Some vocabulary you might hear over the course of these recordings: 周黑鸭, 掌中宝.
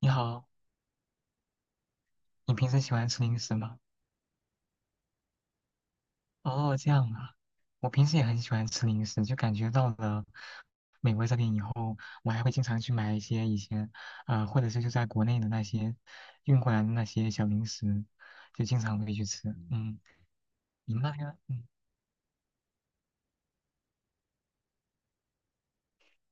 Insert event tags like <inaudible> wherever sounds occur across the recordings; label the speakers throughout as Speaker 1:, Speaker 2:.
Speaker 1: 你好，你平时喜欢吃零食吗？哦，这样啊，我平时也很喜欢吃零食，就感觉到了美国这边以后，我还会经常去买一些以前，或者是就在国内的那些运过来的那些小零食，就经常会去吃。嗯，你们那边，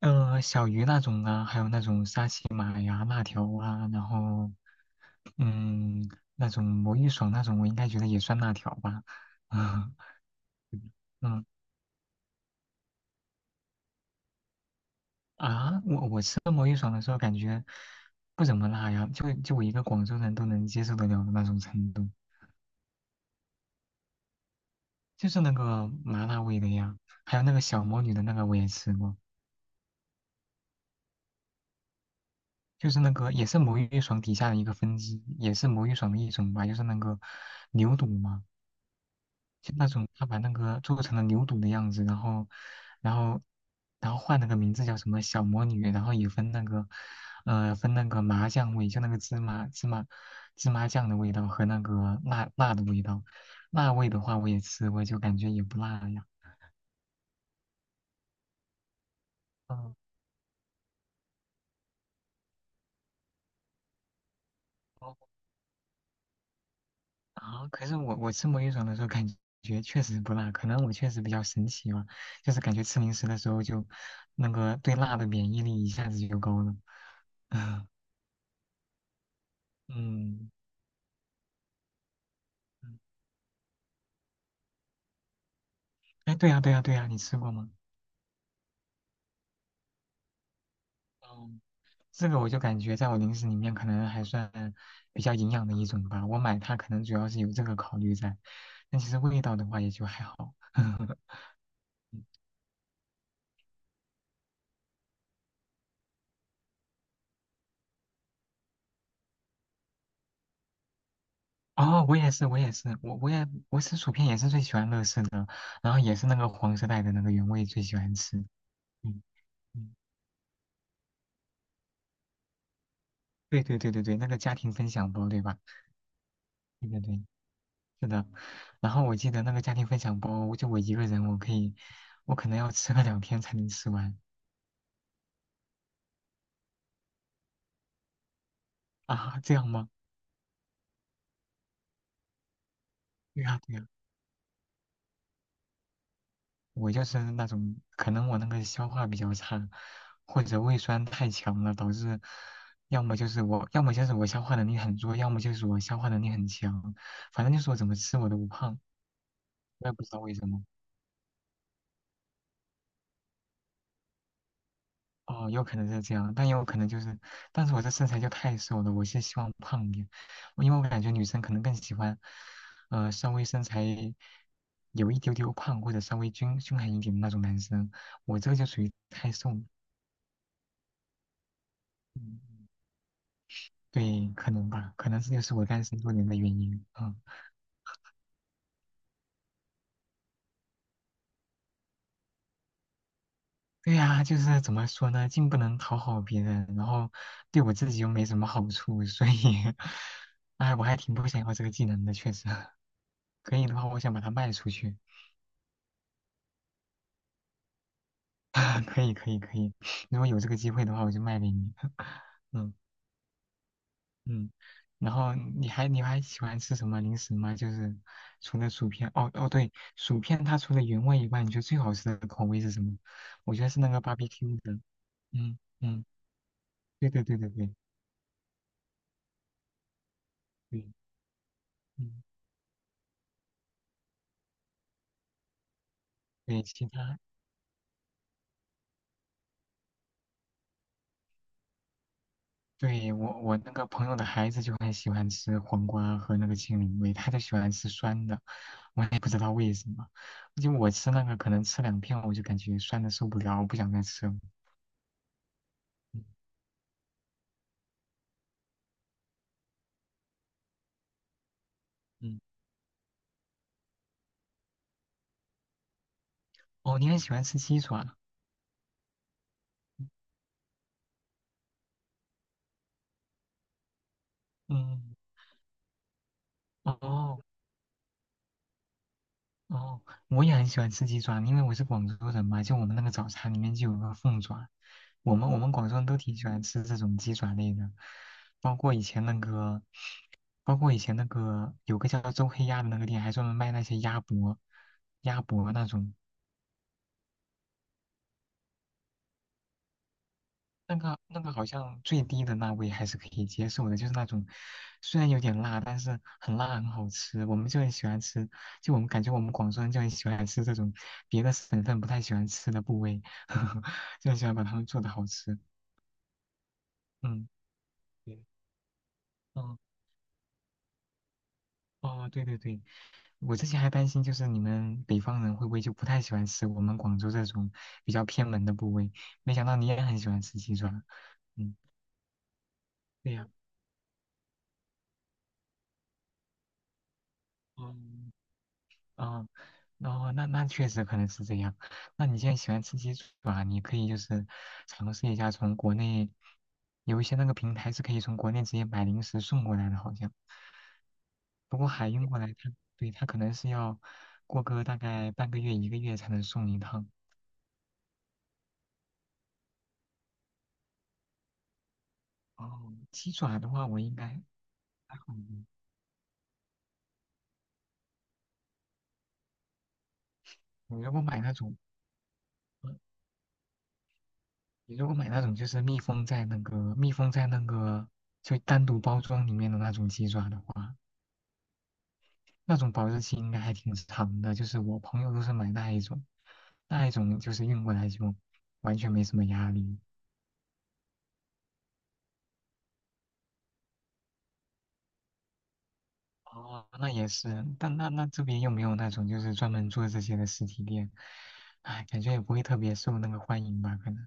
Speaker 1: 小鱼那种啊，还有那种沙琪玛呀、辣条啊，嗯，那种魔芋爽那种，我应该觉得也算辣条吧。<laughs> 嗯我吃恶魔芋爽的时候感觉不怎么辣呀，就我一个广州人都能接受得了的那种程度，就是那个麻辣味的呀，还有那个小魔女的那个我也吃过，就是那个也是魔芋爽底下的一个分支，也是魔芋爽的一种吧，就是那个牛肚嘛。就那种他把那个做成了牛肚的样子，然后，然后换了个名字叫什么小魔女，然后也分那个，分那个麻酱味，就那个芝麻酱的味道和那个辣辣的味道，辣味的话我也吃过，我就感觉也不辣呀，嗯，哦可是我吃魔芋爽的时候感觉确实不辣，可能我确实比较神奇吧，就是感觉吃零食的时候就那个对辣的免疫力一下子就高了，嗯。哎，对呀，对呀，对呀，你吃过吗？嗯，这个我就感觉在我零食里面可能还算比较营养的一种吧。我买它可能主要是有这个考虑在，但其实味道的话也就还好。<laughs> 哦，我也是，我也是，我吃薯片也是最喜欢乐事的，然后也是那个黄色带的那个原味最喜欢吃。嗯嗯，对对对对对，那个家庭分享包对吧？对对对，是的。然后我记得那个家庭分享包，就我一个人我可以，我可能要吃个两天才能吃完。啊，这样吗？对呀，对呀，我就是那种，可能我那个消化比较差，或者胃酸太强了，导致要么就是我，要么就是我消化能力很弱，要么就是我消化能力很强，反正就是我怎么吃我都不胖，我也不知道为什么。哦，有可能是这样，但也有可能就是，但是我这身材就太瘦了，我是希望胖一点，因为我感觉女生可能更喜欢，稍微身材有一丢丢胖或者稍微均衡一点的那种男生，我这个就属于太瘦了。嗯，对，可能吧，可能这就是我单身多年的原因。嗯，对呀，就是怎么说呢，既不能讨好别人，然后对我自己又没什么好处，所以，<laughs> 哎，我还挺不想要这个技能的，确实。可以的话，我想把它卖出去。<laughs> 可以，可以，可以。如果有这个机会的话，我就卖给你。<laughs> 嗯。嗯，然后你还喜欢吃什么零食吗？就是除了薯片，哦哦对，薯片它除了原味以外，你觉得最好吃的口味是什么？我觉得是那个 BBQ 的。嗯嗯，对对对对对对，嗯对，其他对我那个朋友的孩子就很喜欢吃黄瓜和那个青柠味，他就喜欢吃酸的，我也不知道为什么，就我吃那个可能吃两片我就感觉酸的受不了，我不想再吃了。嗯嗯，哦，你很喜欢吃鸡爪，嗯。哦哦，我也很喜欢吃鸡爪，因为我是广州人嘛，就我们那个早餐里面就有个凤爪，我们广州人都挺喜欢吃这种鸡爪类的，包括以前那个，包括以前那个有个叫周黑鸭的那个店，还专门卖那些鸭脖、鸭脖那种，那个好像最低的那味还是可以接受的，就是那种虽然有点辣，但是很辣很好吃，我们就很喜欢吃，就我们感觉我们广州人就很喜欢吃这种别的省份不太喜欢吃的部位，<laughs> 就很喜欢把它们做的好吃。嗯，对嗯，哦哦，对对对，我之前还担心就是你们北方人会不会就不太喜欢吃我们广州这种比较偏门的部位，没想到你也很喜欢吃鸡爪。嗯，对呀。嗯。啊，哦，那那确实可能是这样。那你现在喜欢吃鸡爪，你可以就是尝试一下从国内有一些那个平台是可以从国内直接买零食送过来的，好像。不过海运过来它，对，它可能是要过个大概半个月一个月才能送一趟。哦，鸡爪的话，我应该还好吧你如果买那种，呃你如果买那种就是密封在那个就单独包装里面的那种鸡爪的话。那种保质期应该还挺长的，就是我朋友都是买那一种，那一种就是运过来就完全没什么压力。哦，那也是，但那那这边又没有那种就是专门做这些的实体店，哎，感觉也不会特别受那个欢迎吧，可能。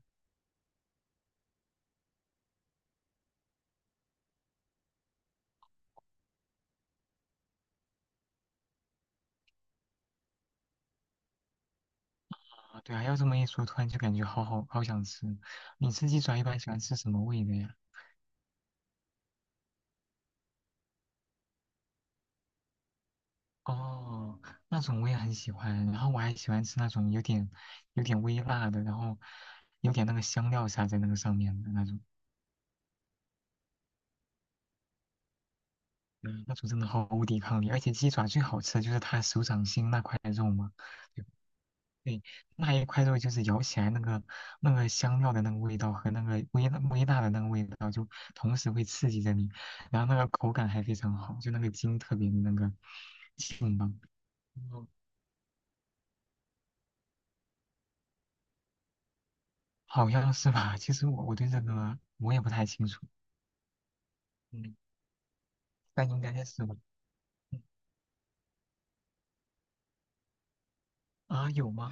Speaker 1: 啊，对啊，要这么一说，突然就感觉好想吃。你吃鸡爪一般喜欢吃什么味的呀？哦，那种我也很喜欢，然后我还喜欢吃那种有点微辣的，然后有点那个香料撒在那个上面的那种。嗯，那种真的毫无抵抗力，而且鸡爪最好吃的就是它手掌心那块肉嘛，对对那一块肉就是咬起来那个香料的那个味道和那个微微辣的那个味道，就同时会刺激着你，然后那个口感还非常好，就那个筋特别的那个劲吧，嗯，好像是吧？其实我对这个我也不太清楚，嗯，但应该是吧？嗯有吗？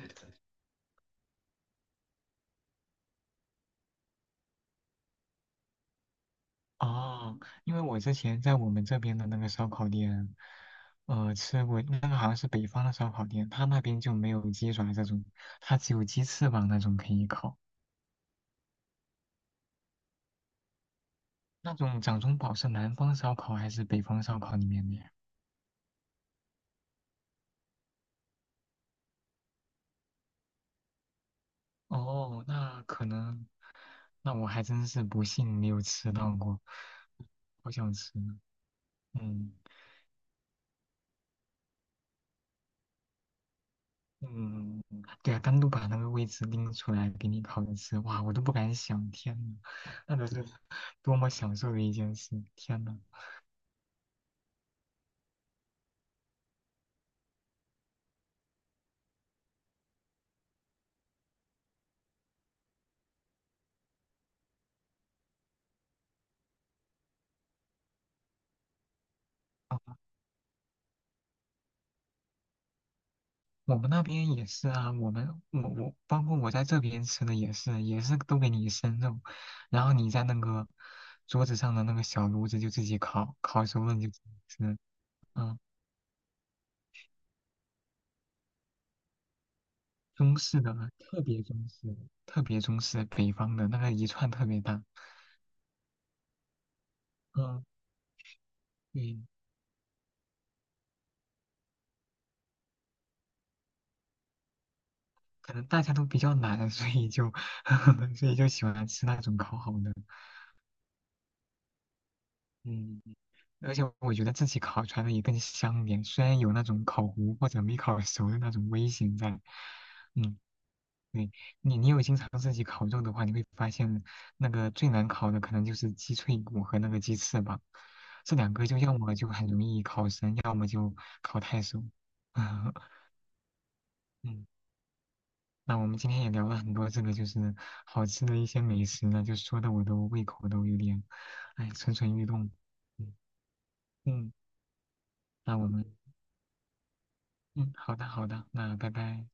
Speaker 1: 哦，因为我之前在我们这边的那个烧烤店，吃过那个好像是北方的烧烤店，他那边就没有鸡爪这种，他只有鸡翅膀那种可以烤。那种掌中宝是南方烧烤还是北方烧烤里面的呀？哦，那可能，那我还真是不幸没有吃到过，好想吃呢嗯嗯，对啊，单独把那个位置拎出来给你烤着吃，哇，我都不敢想，天呐，那得是多么享受的一件事，天呐。啊，我们那边也是啊，我包括我在这边吃的也是，也是都给你生肉，然后你在那个桌子上的那个小炉子就自己烤，烤熟了你就自己吃。嗯，中式的特别中式，特别中式，北方的那个一串特别大。嗯，对，可能大家都比较懒，所以就 <laughs> 所以就喜欢吃那种烤好的。嗯，而且我觉得自己烤出来的也更香点，虽然有那种烤糊或者没烤熟的那种危险在。嗯，对，你有经常自己烤肉的话，你会发现那个最难烤的可能就是鸡脆骨和那个鸡翅膀，这两个就要么就很容易烤生，要么就烤太熟。<laughs> 嗯那我们今天也聊了很多这个就是好吃的一些美食呢，就说的我都胃口都有点，哎，蠢蠢欲动。嗯嗯，那我们嗯，好的好的，那拜拜。